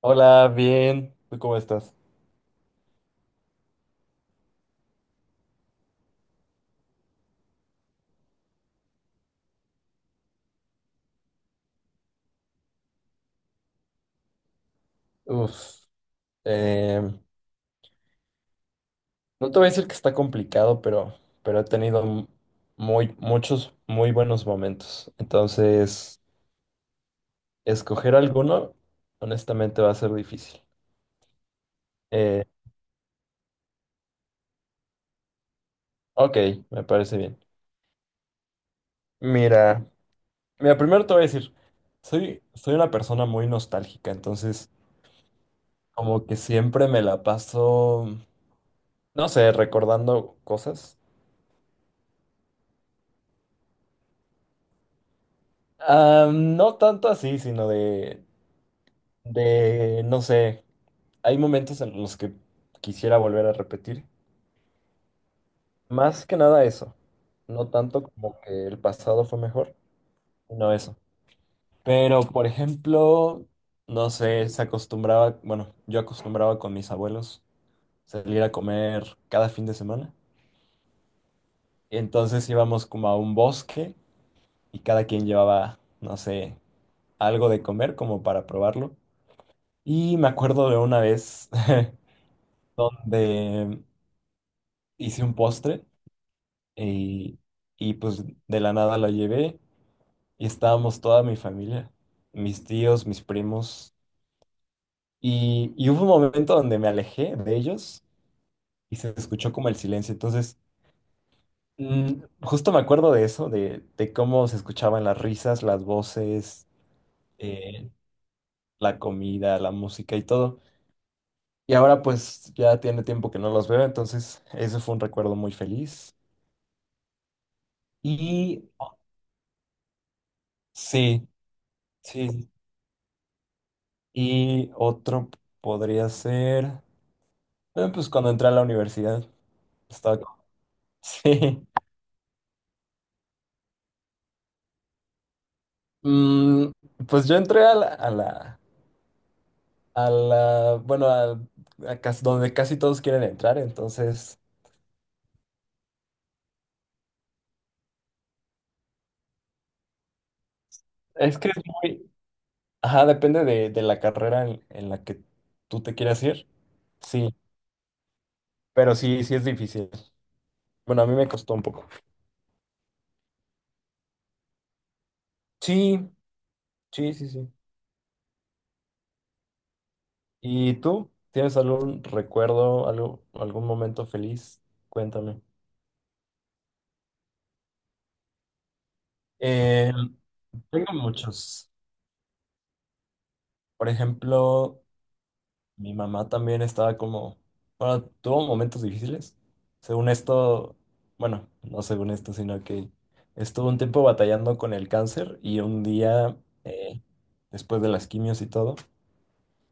Hola, bien. ¿Tú cómo estás? Uf, em, no te voy a decir que está complicado, pero he tenido muchos muy buenos momentos. Entonces, escoger alguno, honestamente, va a ser difícil. Eh, ok, me parece bien. Mira, mira, primero te voy a decir, soy una persona muy nostálgica, entonces como que siempre me la paso, no sé, recordando cosas. Ah, no tanto así, sino de, no sé, hay momentos en los que quisiera volver a repetir. Más que nada eso, no tanto como que el pasado fue mejor, sino eso. Pero, por ejemplo, no sé, se acostumbraba, bueno, yo acostumbraba con mis abuelos salir a comer cada fin de semana. Entonces íbamos como a un bosque y cada quien llevaba, no sé, algo de comer como para probarlo. Y me acuerdo de una vez donde hice un postre Y, y pues de la nada la llevé y estábamos toda mi familia, mis tíos, mis primos. Y hubo un momento donde me alejé de ellos y se escuchó como el silencio. Entonces, justo me acuerdo de eso, de cómo se escuchaban las risas, las voces, eh, la comida, la música y todo. Y ahora pues ya tiene tiempo que no los veo, entonces ese fue un recuerdo muy feliz. Y sí, sí. Y otro podría ser. Pues cuando entré a la universidad, estaba. Sí. Mm, pues yo entré a la, a la, a la, bueno, a, a donde casi todos quieren entrar, entonces. Es que es muy. Ajá, depende de la carrera en la que tú te quieras ir. Sí, pero sí, sí es difícil. Bueno, a mí me costó un poco. Sí, sí, sí, sí. ¿Y tú? ¿Tienes algún recuerdo, algo, algún momento feliz? Cuéntame. Eh, Tengo muchos. Por ejemplo, mi mamá también estaba como, bueno, tuvo momentos difíciles. Según esto, bueno, no según esto, sino que estuvo un tiempo batallando con el cáncer y un día, eh, después de las quimios y todo,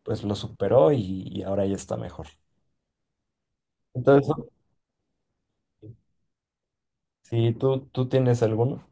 pues lo superó y ahora ya está mejor. Entonces, si tú tienes alguno.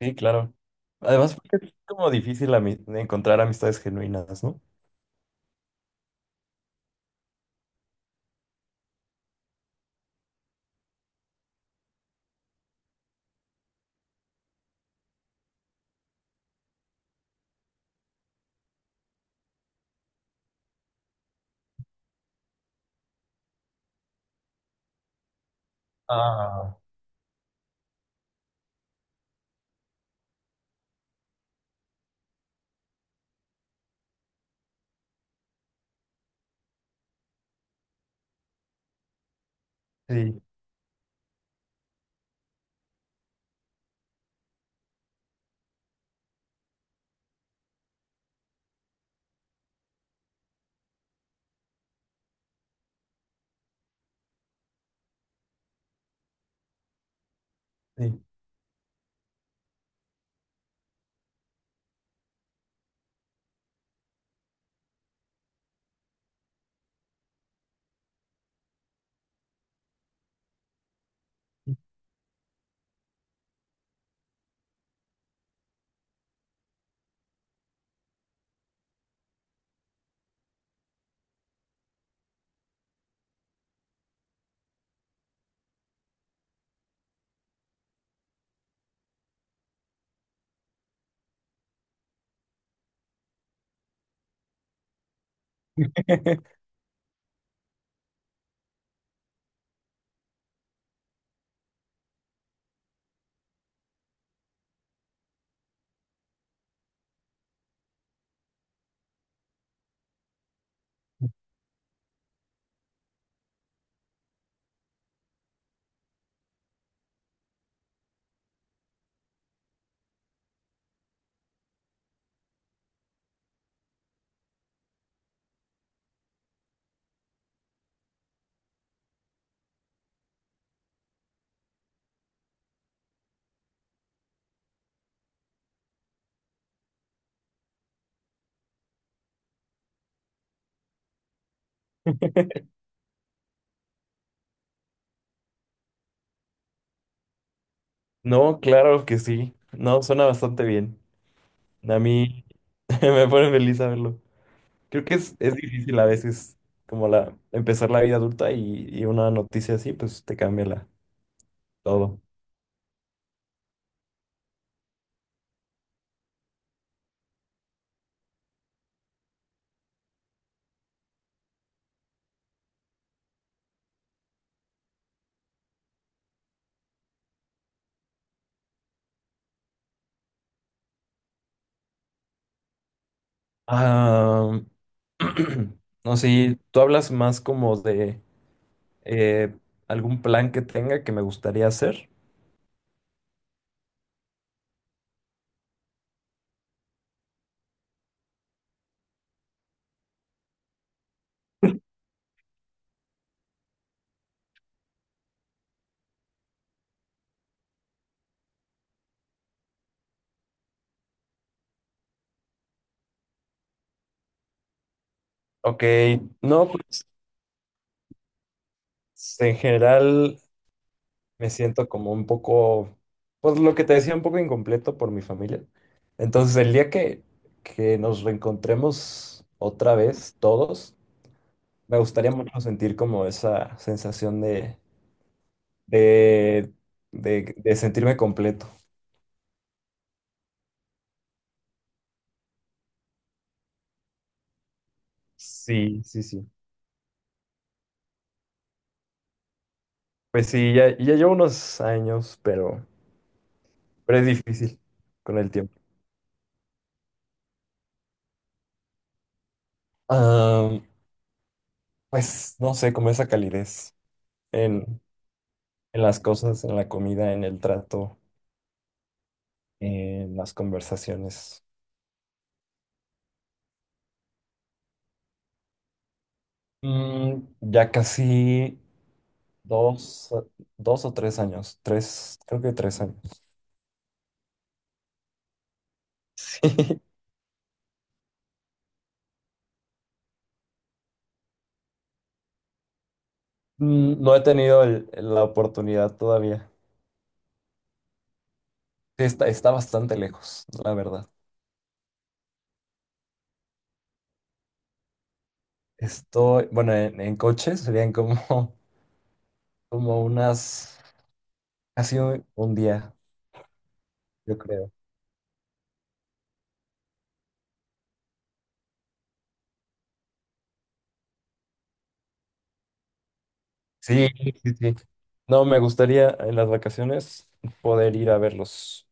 Sí, claro. Además, porque es como difícil encontrar amistades genuinas, ¿no? Ah, sí, sí. No, claro que sí. No, suena bastante bien. A mí me pone feliz saberlo. Creo que es difícil a veces como la empezar la vida adulta y una noticia así, pues te cambia todo. Ah, no sé, tú hablas más como de eh, algún plan que tenga que me gustaría hacer. Ok, no, pues en general. Me siento como un poco, pues lo que te decía, un poco incompleto por mi familia. Entonces, el día que nos reencontremos otra vez, todos, me gustaría mucho sentir como esa sensación de, de sentirme completo. Sí, sí, sí. Pues sí, ya, ya llevo unos años, pero es difícil con el tiempo. Ah, pues no sé, como esa calidez en, en las cosas, en la comida, en el trato. En las conversaciones. Mm, ya casi dos, dos o tres años, tres, creo que tres años. No he tenido la oportunidad todavía. Sí, Está bastante lejos, la verdad. Estoy, bueno, en coche serían como, como unas, casi un día, yo creo. Sí, sí, sí. No, me gustaría en las vacaciones poder ir a verlos.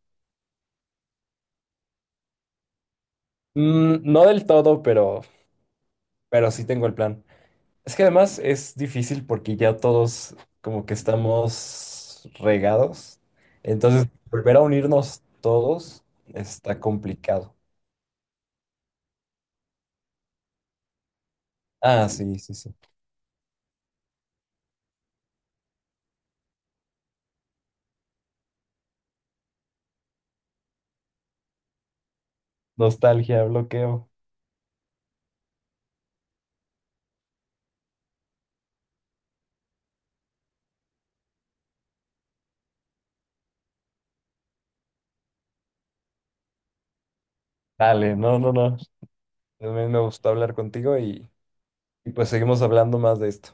No del todo, pero sí tengo el plan. Es que además es difícil porque ya todos como que estamos regados. Entonces, volver a unirnos todos está complicado. Ah, sí, sí, sí. Nostalgia, bloqueo. Dale, no, no, no. También me gustó hablar contigo y pues seguimos hablando más de esto.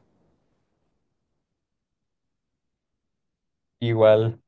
Igual.